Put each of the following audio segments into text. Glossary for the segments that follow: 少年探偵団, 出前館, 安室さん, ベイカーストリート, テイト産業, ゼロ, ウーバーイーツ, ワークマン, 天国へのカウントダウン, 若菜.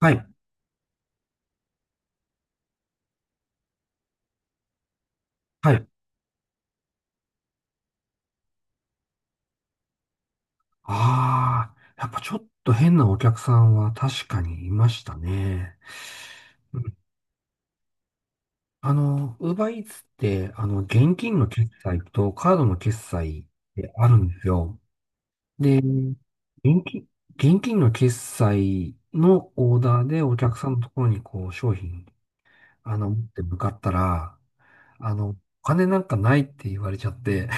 はい、はい。ああ、やっぱちょっと変なお客さんは確かにいましたね。うんウーバーイーツって、現金の決済とカードの決済ってあるんですよ。で、金、現金の決済のオーダーでお客さんのところにこう商品、持って向かったら、お金なんかないって言われちゃって、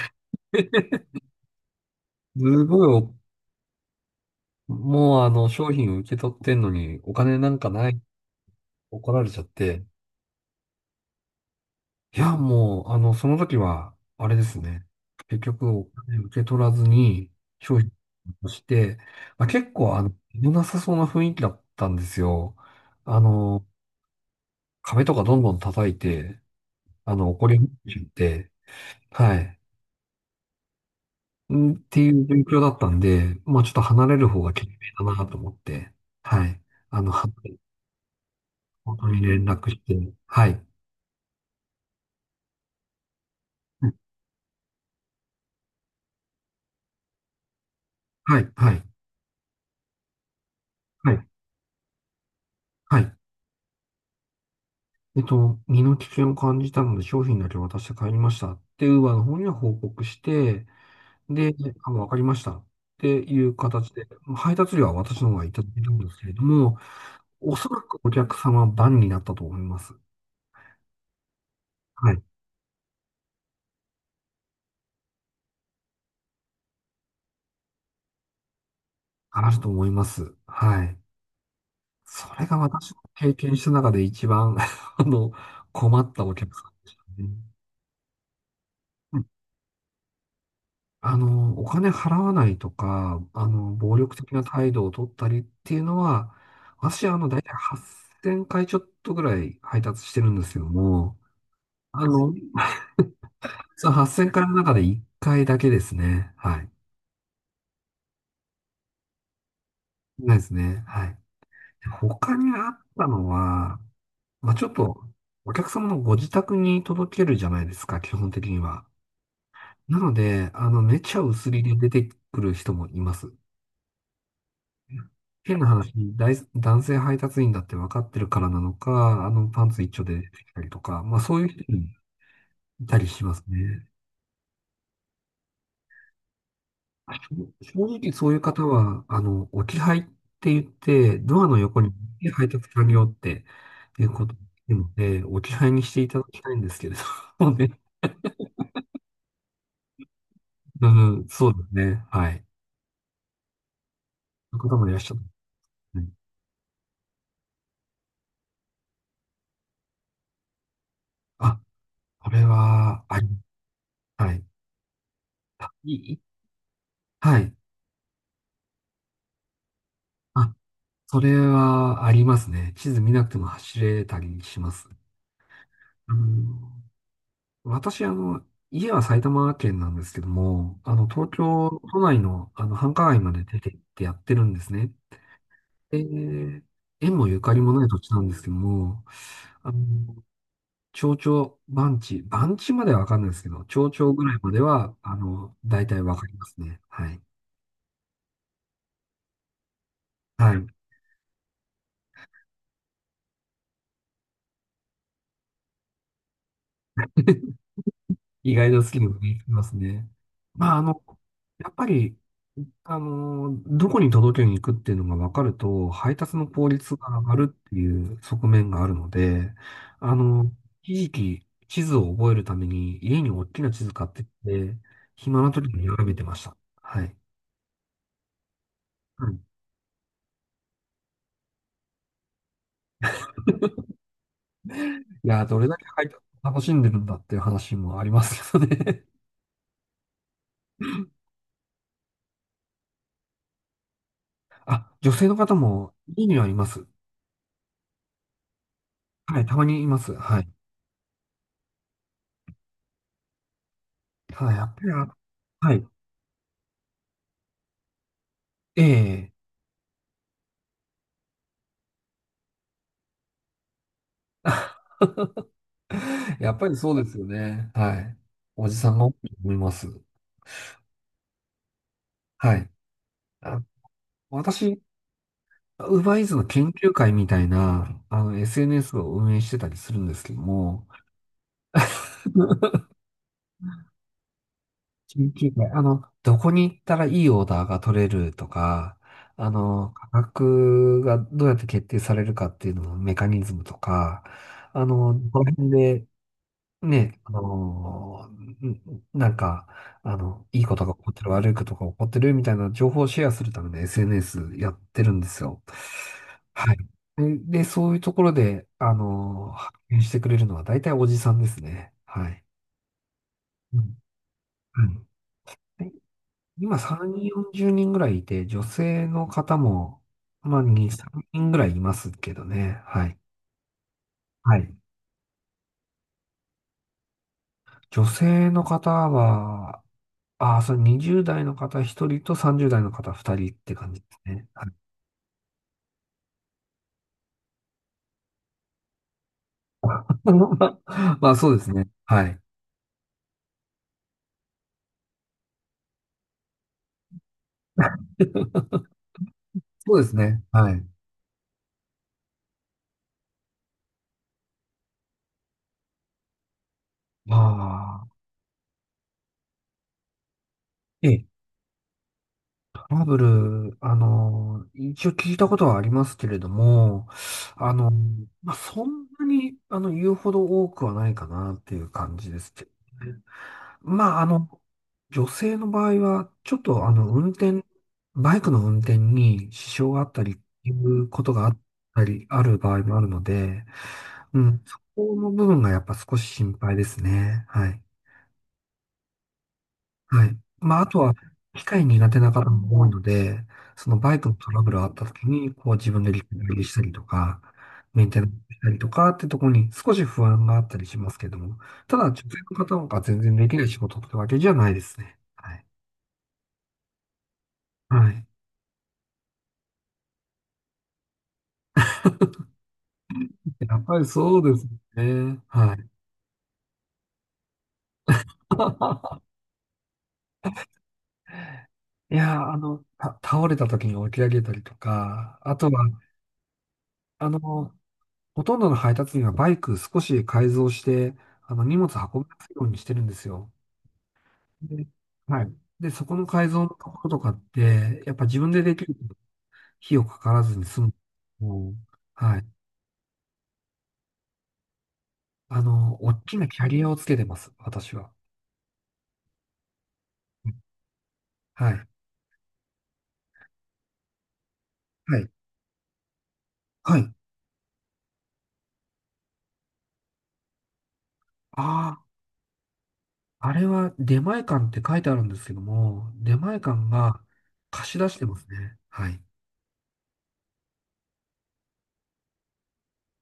すごいもう商品を受け取ってんのにお金なんかない。怒られちゃって、いや、もう、その時は、あれですね。結局、お金受け取らずに、商品として、まあ、結構、良なさそうな雰囲気だったんですよ。あの、壁とかどんどん叩いて、怒り始めちゃって、はい。んっていう状況だったんで、まあ、ちょっと離れる方が賢明だなと思って、はい。あの、は本当に連絡して、はい。はい、はい、はい、はい。身の危険を感じたので商品だけ渡して帰りましたって、ウーバーの方には報告して、で、あ、わかりましたっていう形で、配達料は私の方がいただいたんですけれども、おそらくお客様は番になったと思います。はい。あると思います。はい。それが私が経験した中で一番 あの、困ったお客さんでしたね。お金払わないとか、暴力的な態度を取ったりっていうのは、私、大体8,000回ちょっとぐらい配達してるんですけども、あの、その8,000回の中で1回だけですね。はい。ないですね。はい。他にあったのは、まあ、ちょっと、お客様のご自宅に届けるじゃないですか、基本的には。なので、めちゃ薄利で出てくる人もいます。変な話、大男性配達員だって分かってるからなのか、パンツ一丁で出てきたりとか、まあそういう人もいたりしますね。正直そういう方は、置き配って言って、ドアの横に配達完了っていうことなので、置き配にしていただきたいんですけれどもね。うん、そうですね。はい。そういう方もいらっしゃる。うんあ、これは、ありはい。あいいはい。あそれはありますね。地図見なくても走れたりします。あの私、家は埼玉県なんですけども、東京都内の、繁華街まで出て行ってやってるんですね。で、縁もゆかりもない土地なんですけども、あの、町長、番地、番地まではわかんないですけど、町長ぐらいまでは、大体わかりますね。はい。はい。意外なスキルも見えてきますね。まあ、やっぱり、どこに届けに行くっていうのが分かると、配達の効率が上がるっていう側面があるので、あの、一時期、地図を覚えるために、家に大きな地図買ってきて、暇な時に眺めてました。はい。うん。いやー、どれだけ配達を楽しんでるんだっていう話もありますけどね。あ、女性の方も家にはいます。はい、たまにいます。はい。ただ、やっぱり、はい。ええ やっぱりそうですよね。はい。おじさんが多いと思います。はい。あ、私、ウーバーイーツの研究会みたいな、SNS を運営してたりするんですけども、研究会、どこに行ったらいいオーダーが取れるとか、価格がどうやって決定されるかっていうののメカニズムとか、どこの辺でね、いいことが起こってる、悪いことが起こってるみたいな情報をシェアするための SNS やってるんですよ。はい。で、そういうところで、発見してくれるのは大体おじさんですね。はい。うん、はい。で今3、40人ぐらいいて、女性の方も、まあ2、3人ぐらいいますけどね。はい。はい。女性の方は、ああ、それ20代の方1人と30代の方2人って感じですね。はい まあそうですね。はい。そうですね。はい。まあ、ええ、トラブル、一応聞いたことはありますけれども、あの、まあそんなに、言うほど多くはないかなっていう感じですけどね。まあ、女性の場合は、ちょっとバイクの運転に支障があったり、いうことがあったり、ある場合もあるので、うん、そこの部分がやっぱ少し心配ですね。はい。はい。まあ、あとは、機械苦手な方も多いので、そのバイクのトラブルがあった時に、こう自分でリペア入れしたりとか、メンテナンスしたりとかってところに少し不安があったりしますけども、ただ女性の方が全然できない仕事ってわけじゃないですね。はいはい。やっぱりそうですね。はい。いやー、倒れた時に起き上げたりとか、あとは、あの、ほとんどの配達員はバイク少し改造して、荷物運びやすいようにしてるんですよ。で、はい。で、そこの改造のところとかって、やっぱ自分でできると費用かからずに済む。うん、はい。大きなキャリアをつけてます、私は。はい。はい。はい。あ、あれは出前館って書いてあるんですけども、出前館が貸し出してますね。はい。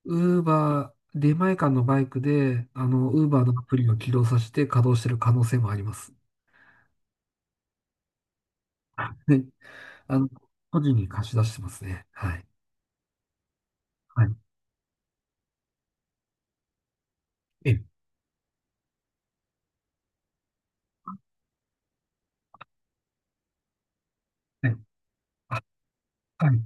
ウーバー、出前館のバイクで、ウーバーのアプリを起動させて稼働してる可能性もあります。はい。あの、個人に貸し出してますね。はい。はい。ええ、はい。あ、はい。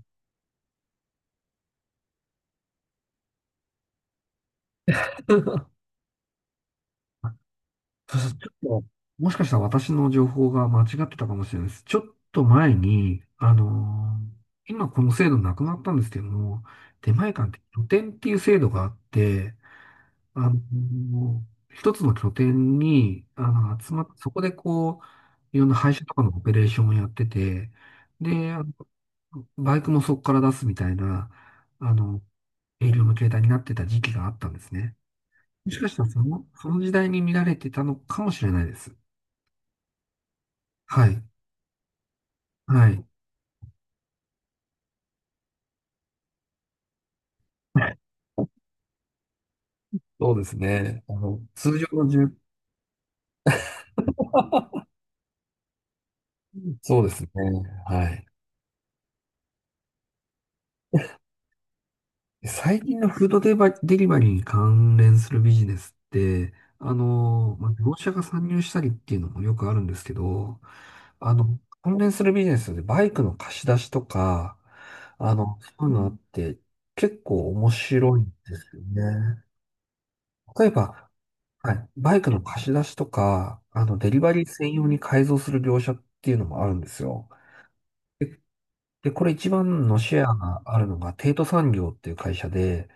そうそう、ちょっと、もしかしたら私の情報が間違ってたかもしれないです。ちょっと前に、今この制度なくなったんですけども、出前館って拠点っていう制度があって、あの一つの拠点に、集まって、そこでこう、いろんな配車とかのオペレーションをやってて、で、バイクもそこから出すみたいな、あの、営業の形態になってた時期があったんですね。もしかしたらその時代に見られてたのかもしれないです。はい。はい。そうですね。通常の住、そうですね。はい。最近のフードデバ、デリバリーに関連するビジネスって、まあ、業者が参入したりっていうのもよくあるんですけど、関連するビジネスでバイクの貸し出しとか、そういうのあって結構面白いんですよね。例えば、はい。バイクの貸し出しとか、デリバリー専用に改造する業者っていうのもあるんですよ。で、これ一番のシェアがあるのが、テイト産業っていう会社で、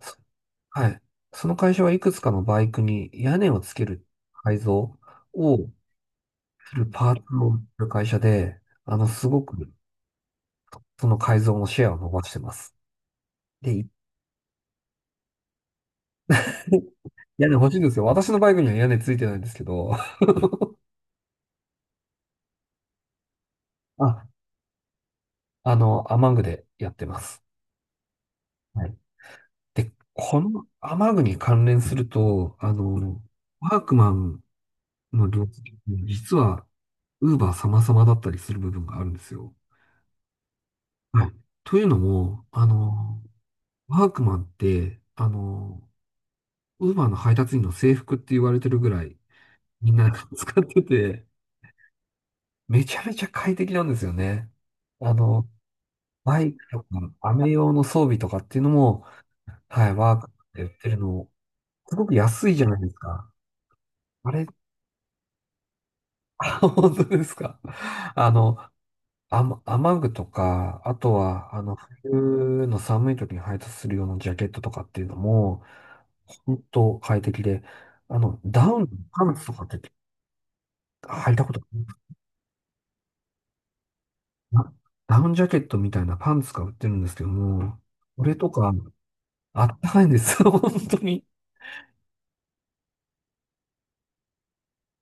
そはい。その会社はいくつかのバイクに屋根をつける改造をするパーツを売ってる会社で、すごくその改造のシェアを伸ばしてます。で、一回屋根欲しいんですよ。私のバイクには屋根ついてないんですけど、あ、アマングでやってます。はい。で、この雨具に関連すると、ワークマンの領域、実は、ウーバー様々だったりする部分があるんですよ。はい。というのも、ワークマンって、ウーバーの配達員の制服って言われてるぐらい、みんな 使ってて、めちゃめちゃ快適なんですよね。あの、バイクとか、雨用の装備とかっていうのも、はい、ワークマンで売ってるの、すごく安いじゃないですか。あれ 本当ですか。あの、雨具とか、あとは、冬の寒い時に配達するようなジャケットとかっていうのも、本当快適で、ダウンのパンツとかって履いたことありますか。ダウンジャケットみたいなパンツが売ってるんですけども、これとか、あったかいんですよ、本当に。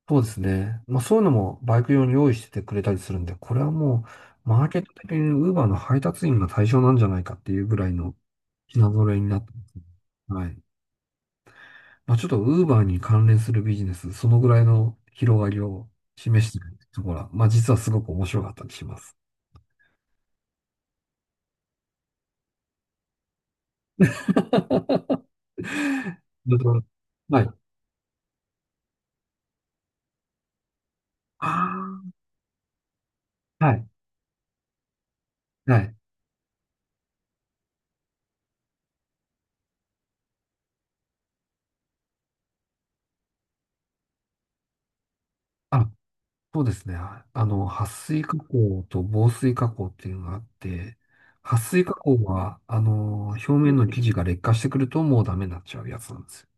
そうですね。まあそういうのもバイク用に用意しててくれたりするんで、これはもうマーケット的に Uber の配達員が対象なんじゃないかっていうぐらいの品揃えになってますね。はい。まあちょっと Uber に関連するビジネス、そのぐらいの広がりを示しているところは、まあ実はすごく面白かったりします。ちょっとはい。ああ、はい。はい。あ、そうですね。撥水加工と防水加工っていうのがあって、撥水加工は、表面の生地が劣化してくるともうダメになっちゃうやつなんですよ。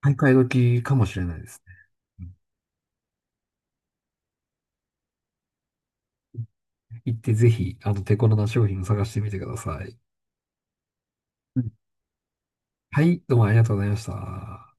買い替え時かもしれないですね。うん、行ってぜひ、手頃な商品を探してみてください。うん、はい、どうもありがとうございました。